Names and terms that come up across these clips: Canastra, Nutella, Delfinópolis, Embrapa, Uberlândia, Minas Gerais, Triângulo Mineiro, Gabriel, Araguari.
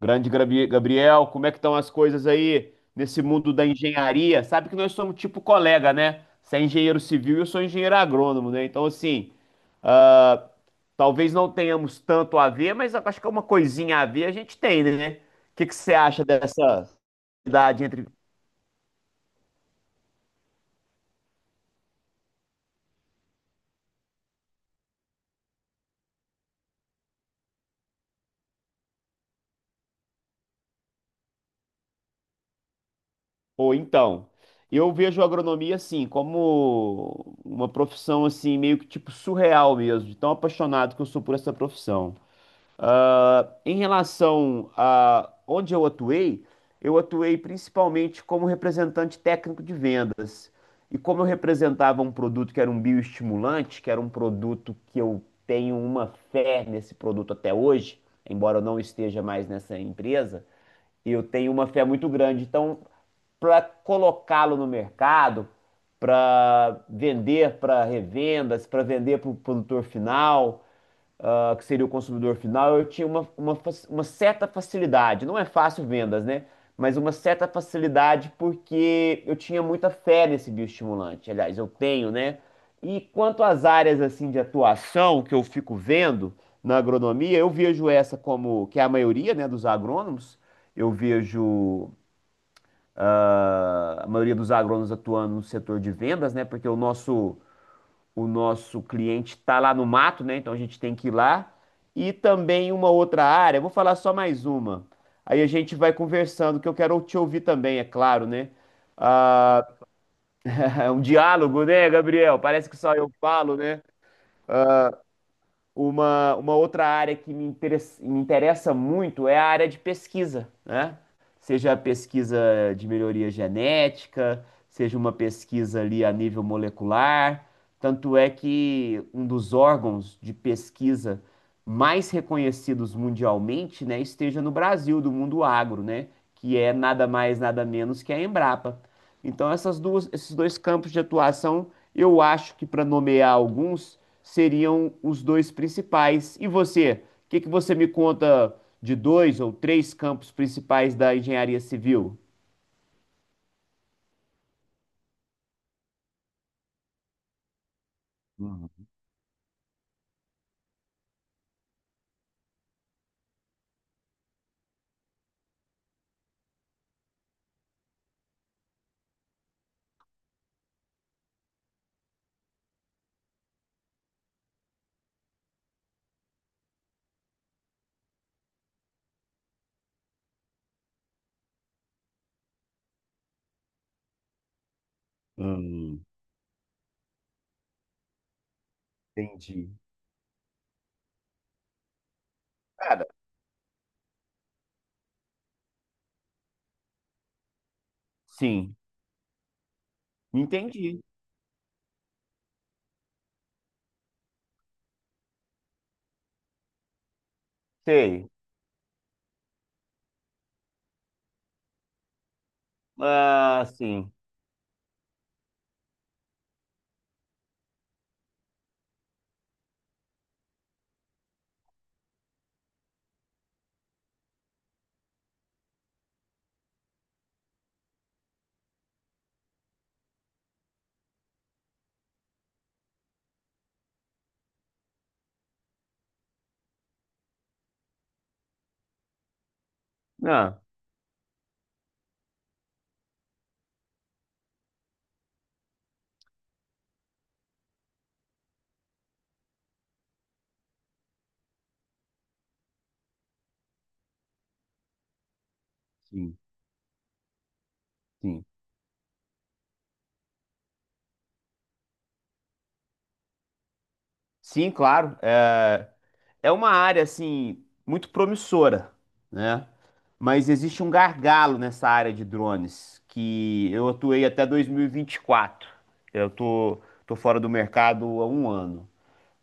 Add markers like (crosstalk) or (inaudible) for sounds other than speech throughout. Grande Gabriel, como é que estão as coisas aí nesse mundo da engenharia? Sabe que nós somos tipo colega, né? Você é engenheiro civil e eu sou engenheiro agrônomo, né? Então, assim, ah, talvez não tenhamos tanto a ver, mas eu acho que é uma coisinha a ver a gente tem, né? O que que você acha dessa idade entre... Ou então, eu vejo a agronomia, assim, como uma profissão, assim, meio que tipo surreal mesmo, de tão apaixonado que eu sou por essa profissão. Em relação a onde eu atuei principalmente como representante técnico de vendas. E como eu representava um produto que era um bioestimulante, que era um produto que eu tenho uma fé nesse produto até hoje, embora eu não esteja mais nessa empresa, eu tenho uma fé muito grande. Então, para colocá-lo no mercado, para vender para revendas, para vender para o produtor final, que seria o consumidor final, eu tinha uma certa facilidade. Não é fácil vendas, né? Mas uma certa facilidade porque eu tinha muita fé nesse bioestimulante. Aliás, eu tenho, né? E quanto às áreas assim de atuação que eu fico vendo na agronomia, eu vejo essa como que é a maioria, né, dos agrônomos. Eu vejo a maioria dos agrônomos atuando no setor de vendas, né? Porque o nosso cliente está lá no mato, né? Então a gente tem que ir lá. E também uma outra área, vou falar só mais uma. Aí a gente vai conversando, que eu quero te ouvir também, é claro, né? Ah, (laughs) é um diálogo, né, Gabriel? Parece que só eu falo, né? Uma outra área que me interessa muito é a área de pesquisa, né? Seja a pesquisa de melhoria genética, seja uma pesquisa ali a nível molecular. Tanto é que um dos órgãos de pesquisa mais reconhecidos mundialmente, né, esteja no Brasil, do mundo agro, né? Que é nada mais, nada menos que a Embrapa. Então, esses dois campos de atuação, eu acho que para nomear alguns, seriam os dois principais. E você? O que que você me conta de dois ou três campos principais da engenharia civil? Hum, hum, entendi. Cara, sim, entendi. Sei. Ah, sim. Ah, sim, sim. Sim, claro. É, é uma área assim muito promissora, né? Mas existe um gargalo nessa área de drones que eu atuei até 2024. Eu tô, tô fora do mercado há 1 ano,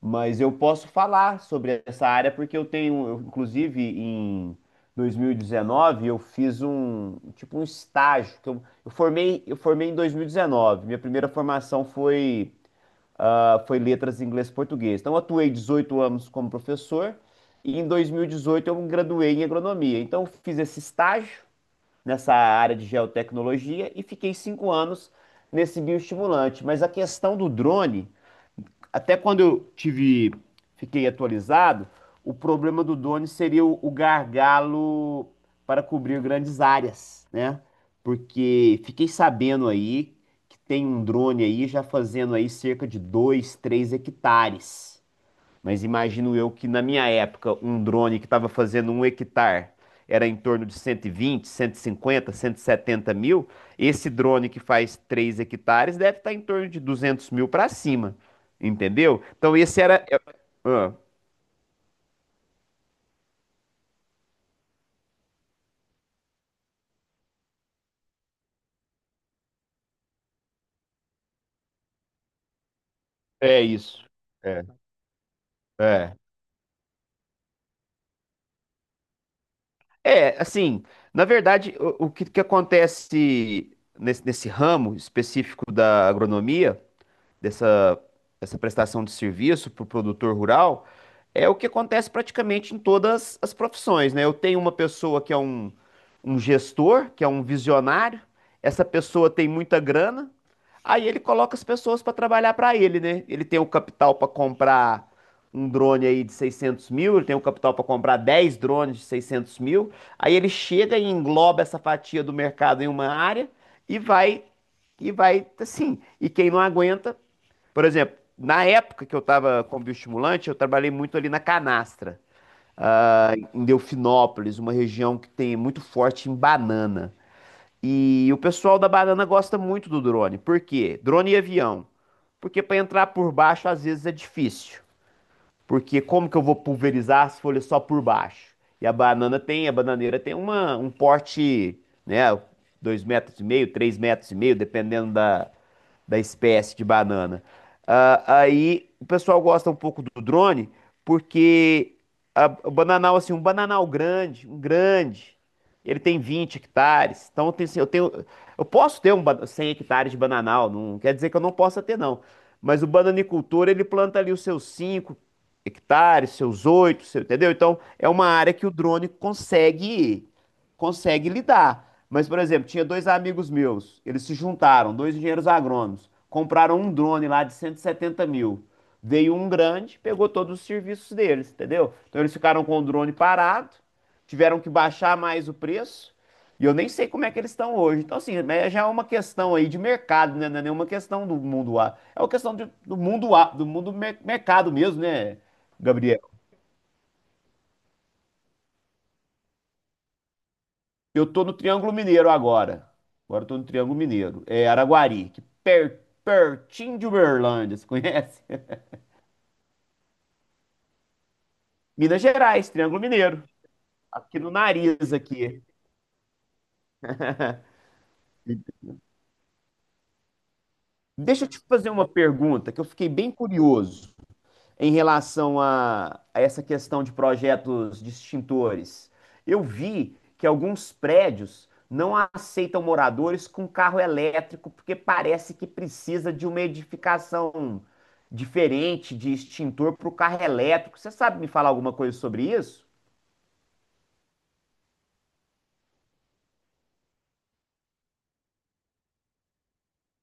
mas eu posso falar sobre essa área porque eu tenho, eu, inclusive, em 2019 eu fiz um tipo um estágio que eu formei em 2019. Minha primeira formação foi foi letras inglês-português. Então, eu atuei 18 anos como professor e em 2018 eu me graduei em agronomia. Então, eu fiz esse estágio nessa área de geotecnologia e fiquei 5 anos nesse bioestimulante. Mas a questão do drone, até quando eu tive, fiquei atualizado, o problema do drone seria o gargalo para cobrir grandes áreas, né? Porque fiquei sabendo aí que tem um drone aí já fazendo aí cerca de 2, 3 hectares. Mas imagino eu que na minha época, um drone que estava fazendo um hectare era em torno de 120, 150, 170 mil. Esse drone que faz 3 hectares deve estar em torno de 200 mil para cima, entendeu? Então esse ah, é isso. É, é. É, assim, na verdade, que acontece nesse ramo específico da agronomia dessa, dessa prestação de serviço para o produtor rural é o que acontece praticamente em todas as profissões, né? Eu tenho uma pessoa que é um gestor, que é um visionário, essa pessoa tem muita grana, aí ele coloca as pessoas para trabalhar para ele, né? Ele tem o capital para comprar um drone aí de 600 mil, ele tem o capital para comprar 10 drones de 600 mil, aí ele chega e engloba essa fatia do mercado em uma área e vai, e vai assim, e quem não aguenta, por exemplo, na época que eu estava com bioestimulante, eu trabalhei muito ali na Canastra, em Delfinópolis, uma região que tem muito forte em banana. E o pessoal da banana gosta muito do drone. Por quê? Drone e avião. Porque para entrar por baixo às vezes é difícil. Porque como que eu vou pulverizar as folhas só por baixo? E a bananeira tem um porte, né? Dois metros e meio, 3 metros e meio, dependendo da, da espécie de banana. Ah, aí o pessoal gosta um pouco do drone, porque o bananal, assim, um bananal grande, um grande, ele tem 20 hectares. Então eu tenho, assim, eu tenho- eu posso ter 100 hectares de bananal, não quer dizer que eu não possa ter, não. Mas o bananicultor, ele planta ali os seus 5 hectares, seus oito, seu, entendeu? Então, é uma área que o drone consegue lidar. Mas, por exemplo, tinha dois amigos meus, eles se juntaram, dois engenheiros agrônomos, compraram um drone lá de 170 mil. Veio um grande, pegou todos os serviços deles, entendeu? Então eles ficaram com o drone parado, tiveram que baixar mais o preço, e eu nem sei como é que eles estão hoje. Então, assim, mas já é uma questão aí de mercado, né? Não é nenhuma questão do mundo A. É uma questão do mundo A, do mundo mercado mesmo, né? Gabriel, eu tô no Triângulo Mineiro agora. Agora eu tô no Triângulo Mineiro. É Araguari, que pertinho de Uberlândia, você conhece? (laughs) Minas Gerais, Triângulo Mineiro. Aqui no nariz aqui. Deixa eu te fazer uma pergunta que eu fiquei bem curioso em relação a essa questão de projetos distintores. Eu vi que alguns prédios não aceitam moradores com carro elétrico porque parece que precisa de uma edificação diferente de extintor para o carro elétrico. Você sabe me falar alguma coisa sobre isso?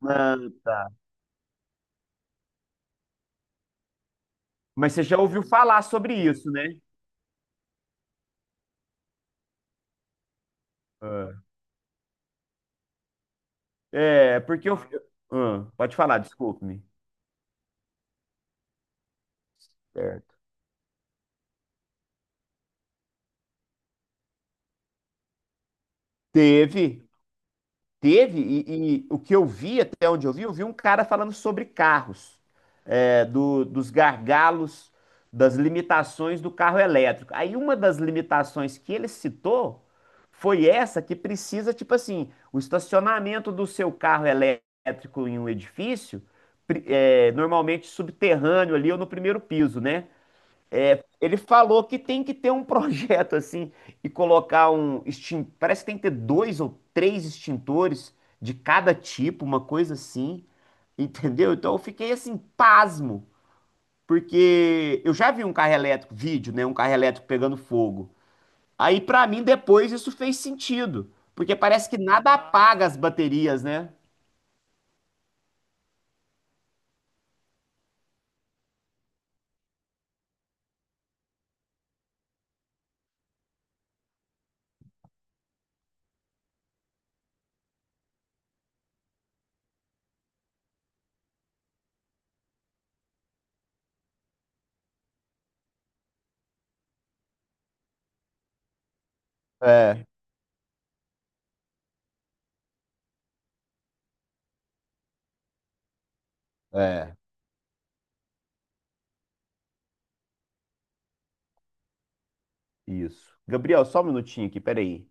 Ah, mas você já ouviu falar sobre isso, né? Ah. É, porque eu. Ah, pode falar, desculpe-me. Certo. Teve. Teve, e o que eu vi, até onde eu vi um cara falando sobre carros, é, dos gargalos, das limitações do carro elétrico. Aí uma das limitações que ele citou foi essa que precisa, tipo assim, o estacionamento do seu carro elétrico em um edifício, é, normalmente subterrâneo ali ou no primeiro piso, né? Ele falou que tem que ter um projeto assim e colocar um extin... parece que tem que ter dois ou três extintores de cada tipo, uma coisa assim, entendeu? Então eu fiquei assim pasmo, porque eu já vi um carro elétrico, vídeo, né, um carro elétrico pegando fogo. Aí pra mim depois isso fez sentido, porque parece que nada apaga as baterias, né? É, é, isso. Gabriel, só um minutinho aqui, peraí.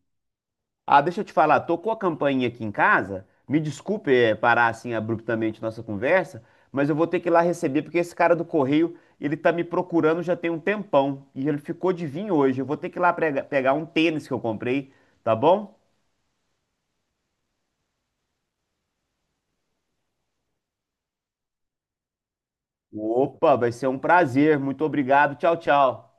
Ah, deixa eu te falar, tocou a campainha aqui em casa. Me desculpe, parar assim abruptamente nossa conversa, mas eu vou ter que ir lá receber porque esse cara do correio, ele tá me procurando já tem um tempão e ele ficou de vir hoje. Eu vou ter que ir lá pegar um tênis que eu comprei, tá bom? Opa, vai ser um prazer. Muito obrigado. Tchau, tchau.